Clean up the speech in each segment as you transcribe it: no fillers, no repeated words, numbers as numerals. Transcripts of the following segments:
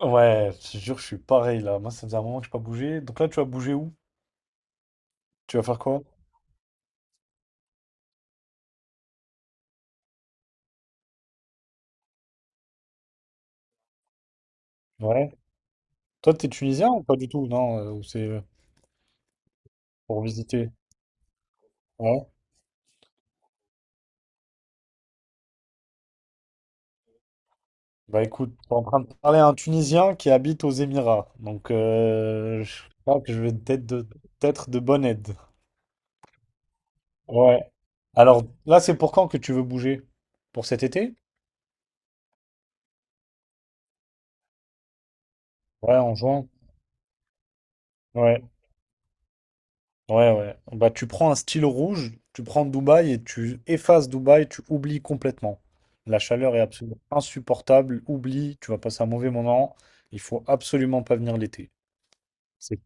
Ouais, je te jure, je suis pareil là. Moi, ça faisait un moment que je n'ai pas bougé. Donc là, tu vas bouger où? Tu vas faire quoi? Ouais. Toi, t'es tunisien ou pas du tout? Non, ou c'est pour visiter. Ouais. Bah écoute, je suis en train de parler à un Tunisien qui habite aux Émirats. Donc je crois que je vais être de bonne aide. Ouais. Alors là, c'est pour quand que tu veux bouger? Pour cet été? Ouais, en juin. Ouais. Ouais, ouais. Bah, tu prends un stylo rouge, tu prends Dubaï et tu effaces Dubaï, tu oublies complètement. La chaleur est absolument insupportable, oublie, tu vas passer un mauvais moment. Il faut absolument pas venir l'été. C'est-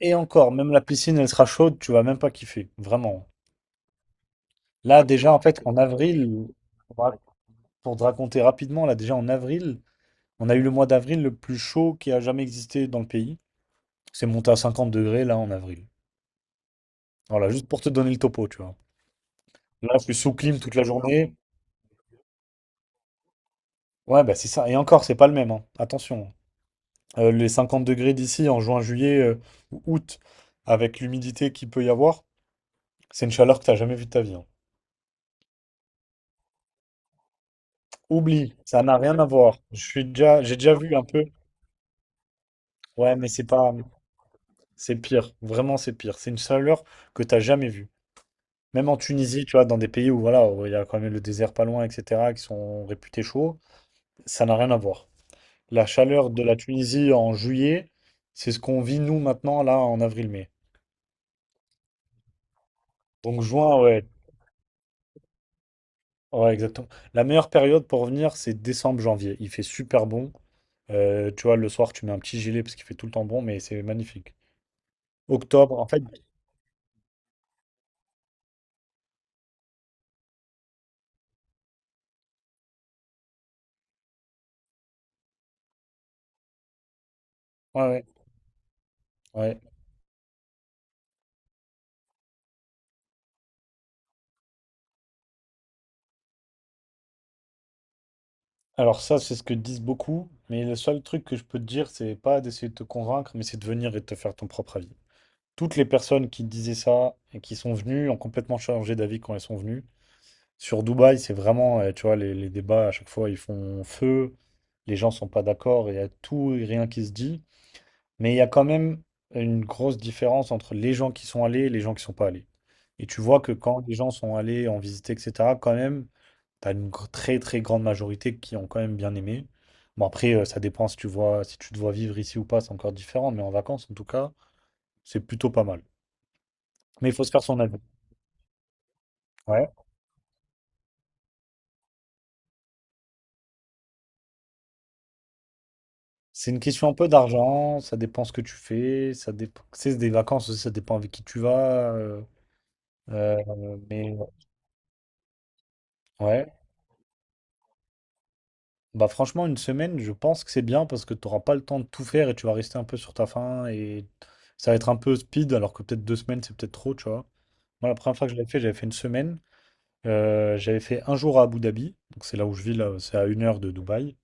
Et encore, même la piscine, elle sera chaude, tu vas même pas kiffer, vraiment. Là, déjà, en fait, en avril, pour te raconter rapidement, là, déjà en avril, on a eu le mois d'avril le plus chaud qui a jamais existé dans le pays. C'est monté à 50 degrés, là, en avril. Voilà, juste pour te donner le topo, tu vois. Là, je suis sous clim toute la journée. Ouais, bah c'est ça. Et encore, c'est pas le même, hein. Attention. Les 50 degrés d'ici en juin, juillet ou août, avec l'humidité qu'il peut y avoir, c'est une chaleur que t'as jamais vue de ta vie. Hein. Oublie, ça n'a rien à voir. J'ai déjà vu un peu. Ouais, mais c'est pas, c'est pire. Vraiment, c'est pire. C'est une chaleur que t'as jamais vue. Même en Tunisie, tu vois, dans des pays où voilà, où il y a quand même le désert pas loin, etc., qui sont réputés chauds, ça n'a rien à voir. La chaleur de la Tunisie en juillet, c'est ce qu'on vit nous maintenant là en avril-mai. Donc juin, ouais. Ouais, exactement. La meilleure période pour venir, c'est décembre-janvier. Il fait super bon. Tu vois, le soir, tu mets un petit gilet parce qu'il fait tout le temps bon, mais c'est magnifique. Octobre, en fait, ouais, ouais, ouais. Alors ça, c'est ce que disent beaucoup, mais le seul truc que je peux te dire, c'est pas d'essayer de te convaincre, mais c'est de venir et de te faire ton propre avis. Toutes les personnes qui disaient ça et qui sont venues ont complètement changé d'avis quand elles sont venues. Sur Dubaï, c'est vraiment, tu vois, les débats à chaque fois, ils font feu, les gens sont pas d'accord, il y a tout et rien qui se dit. Mais il y a quand même une grosse différence entre les gens qui sont allés et les gens qui sont pas allés. Et tu vois que quand les gens sont allés en visiter, etc., quand même, tu as une très très grande majorité qui ont quand même bien aimé. Bon après, ça dépend si tu vois, si tu te vois vivre ici ou pas, c'est encore différent, mais en vacances, en tout cas, c'est plutôt pas mal. Mais il faut se faire son avis. Ouais. C'est une question un peu d'argent, ça dépend ce que tu fais, ça dépend, c'est des vacances aussi, ça dépend avec qui tu vas. Mais ouais. Bah franchement, une semaine, je pense que c'est bien parce que tu n'auras pas le temps de tout faire et tu vas rester un peu sur ta faim et ça va être un peu speed alors que peut-être 2 semaines, c'est peut-être trop, tu vois. Moi, la première fois que je l'avais fait, j'avais fait une semaine. J'avais fait un jour à Abu Dhabi, donc c'est là où je vis, là, c'est à une heure de Dubaï.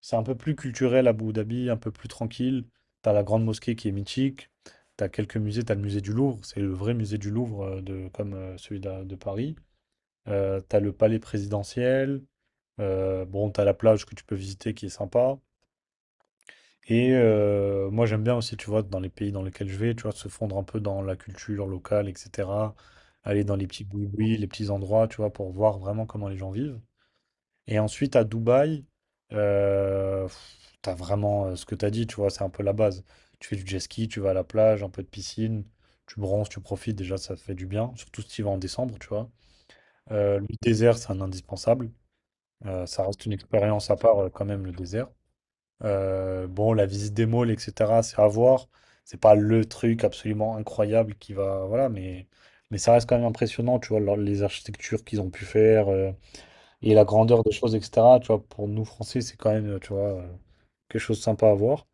C'est un peu plus culturel, Abu Dhabi, un peu plus tranquille. T'as la grande mosquée qui est mythique, t'as quelques musées, t'as le musée du Louvre, c'est le vrai musée du Louvre comme celui de Paris. T'as le palais présidentiel, bon, t'as la plage que tu peux visiter qui est sympa. Et moi, j'aime bien aussi, tu vois, dans les pays dans lesquels je vais, tu vois, se fondre un peu dans la culture locale, etc. Aller dans les petits boui les petits endroits, tu vois, pour voir vraiment comment les gens vivent. Et ensuite, à Dubaï, t'as vraiment ce que t'as dit, tu vois, c'est un peu la base. Tu fais du jet ski, tu vas à la plage, un peu de piscine, tu bronzes, tu profites, déjà, ça fait du bien, surtout si tu y vas en décembre, tu vois. Le désert, c'est un indispensable. Ça reste une expérience à part, quand même, le désert. Bon, la visite des malls, etc., c'est à voir. C'est pas le truc absolument incroyable qui va. Voilà, mais ça reste quand même impressionnant, tu vois, les architectures qu'ils ont pu faire et la grandeur des choses, etc. Tu vois, pour nous Français, c'est quand même, tu vois, quelque chose de sympa à voir.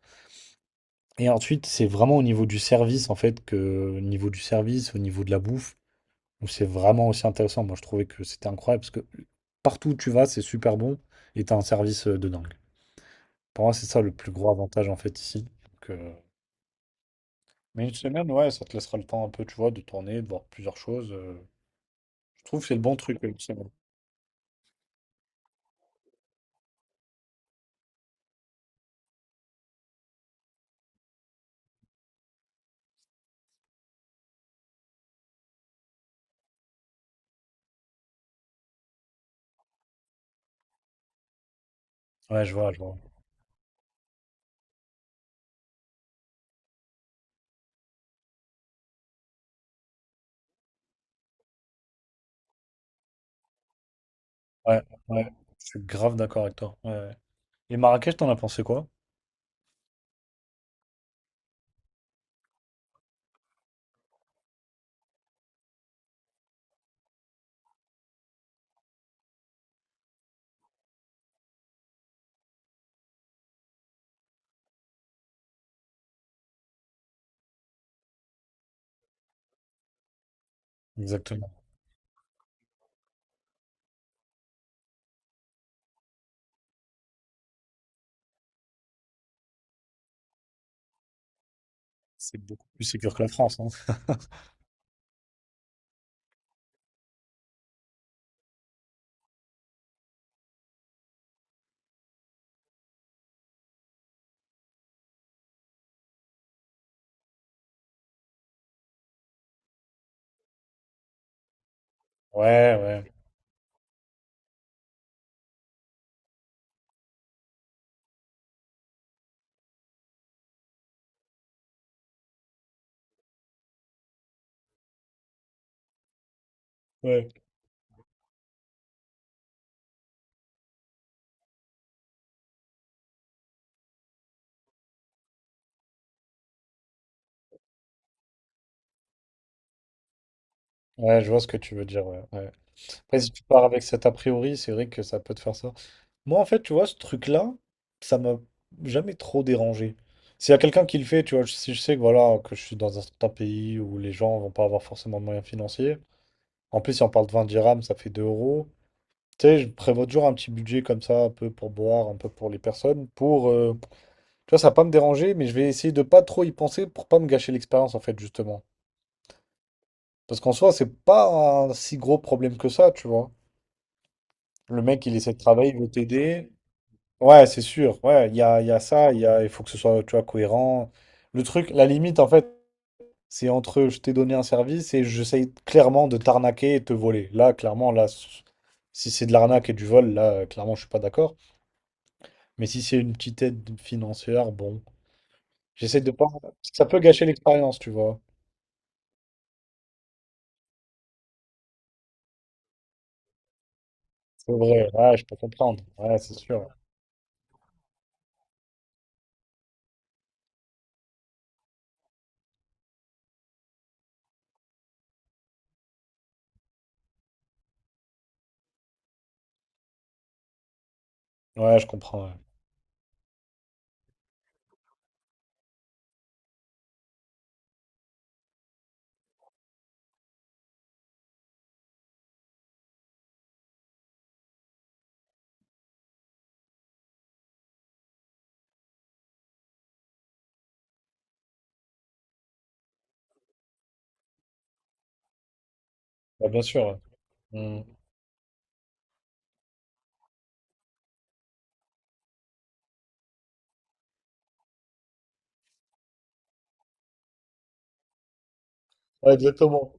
Et ensuite, c'est vraiment au niveau du service, en fait, que au niveau du service, au niveau de la bouffe, où c'est vraiment aussi intéressant. Moi, je trouvais que c'était incroyable parce que partout où tu vas, c'est super bon et t'as un service de dingue. Pour moi, c'est ça le plus gros avantage, en fait, ici. Mais une semaine, ouais, ça te laissera le temps un peu, tu vois, de tourner, de voir plusieurs choses. Je trouve que c'est le bon truc, une semaine. Ouais, je vois, je vois. Ouais, ouais, je suis grave d'accord avec toi. Ouais. Ouais. Et Marrakech, t'en as pensé quoi? Exactement. C'est beaucoup plus sécure que la France, hein. Ouais, ouais, ouais. Ouais, je vois ce que tu veux dire, ouais. Ouais. Après, si tu pars avec cet a priori, c'est vrai que ça peut te faire ça. Moi, en fait, tu vois, ce truc-là, ça m'a jamais trop dérangé. S'il y a quelqu'un qui le fait, tu vois, si je sais que voilà, que je suis dans un certain pays où les gens vont pas avoir forcément de moyens financiers. En plus, si on parle de 20 dirhams, ça fait 2 euros. Tu sais, je prévois toujours un petit budget comme ça, un peu pour boire, un peu pour les personnes. Tu vois, ça va pas me déranger, mais je vais essayer de pas trop y penser pour pas me gâcher l'expérience, en fait, justement. Parce qu'en soi, c'est pas un si gros problème que ça, tu vois. Le mec, il essaie de travailler, il veut t'aider. Ouais, c'est sûr. Ouais, il y a ça, il faut que ce soit, tu vois, cohérent. Le truc, la limite, en fait, c'est entre je t'ai donné un service et j'essaye clairement de t'arnaquer et te voler. Là, clairement, là, si c'est de l'arnaque et du vol, là, clairement, je suis pas d'accord. Mais si c'est une petite aide financière, bon, j'essaie de pas. Ça peut gâcher l'expérience, tu vois. C'est vrai. Ouais, je peux comprendre. Ouais, c'est sûr. Ouais, je comprends. Ouais. Ouais, bien sûr. Ouais, Mm. Ouais, exactement.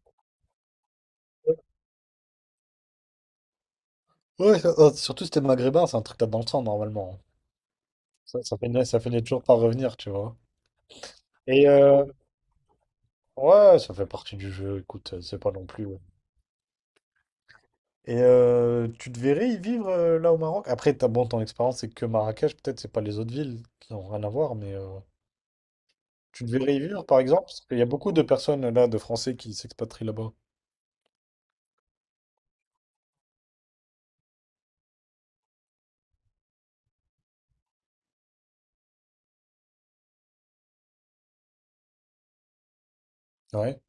Ouais, surtout si t'es maghrébin, c'est un truc que t'as dans le sang, normalement. Ça, ça finit toujours par revenir, tu vois. Et euh, ouais, ça fait partie du jeu, écoute, c'est pas non plus. Ouais. Tu te verrais y vivre là au Maroc? Après, t'as, bon, ton expérience, c'est que Marrakech, peut-être, c'est pas les autres villes qui n'ont rien à voir, mais tu te verrais y vivre, par exemple? Parce qu'il y a beaucoup de personnes là, de Français, qui s'expatrient là-bas. Ouais?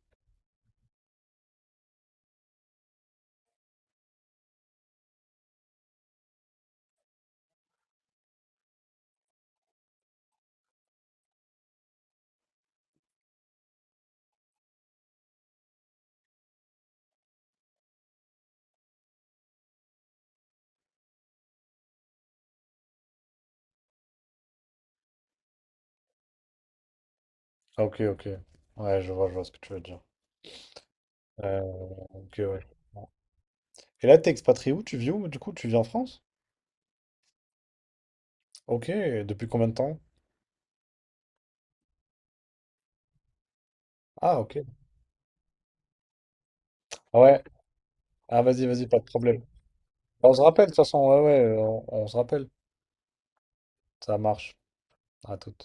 Ah, ok, ok. Ouais, je vois ce que tu veux dire. Euh, ok, ouais. Et là, t'es expatrié où? Tu vis où, du coup? Tu vis en France? Ok, depuis combien de temps? Ah, ok. Ouais. Ah, vas-y, vas-y, pas de problème. Bah, on se rappelle, de toute façon, ouais, ouais, on se rappelle. Ça marche. À tout.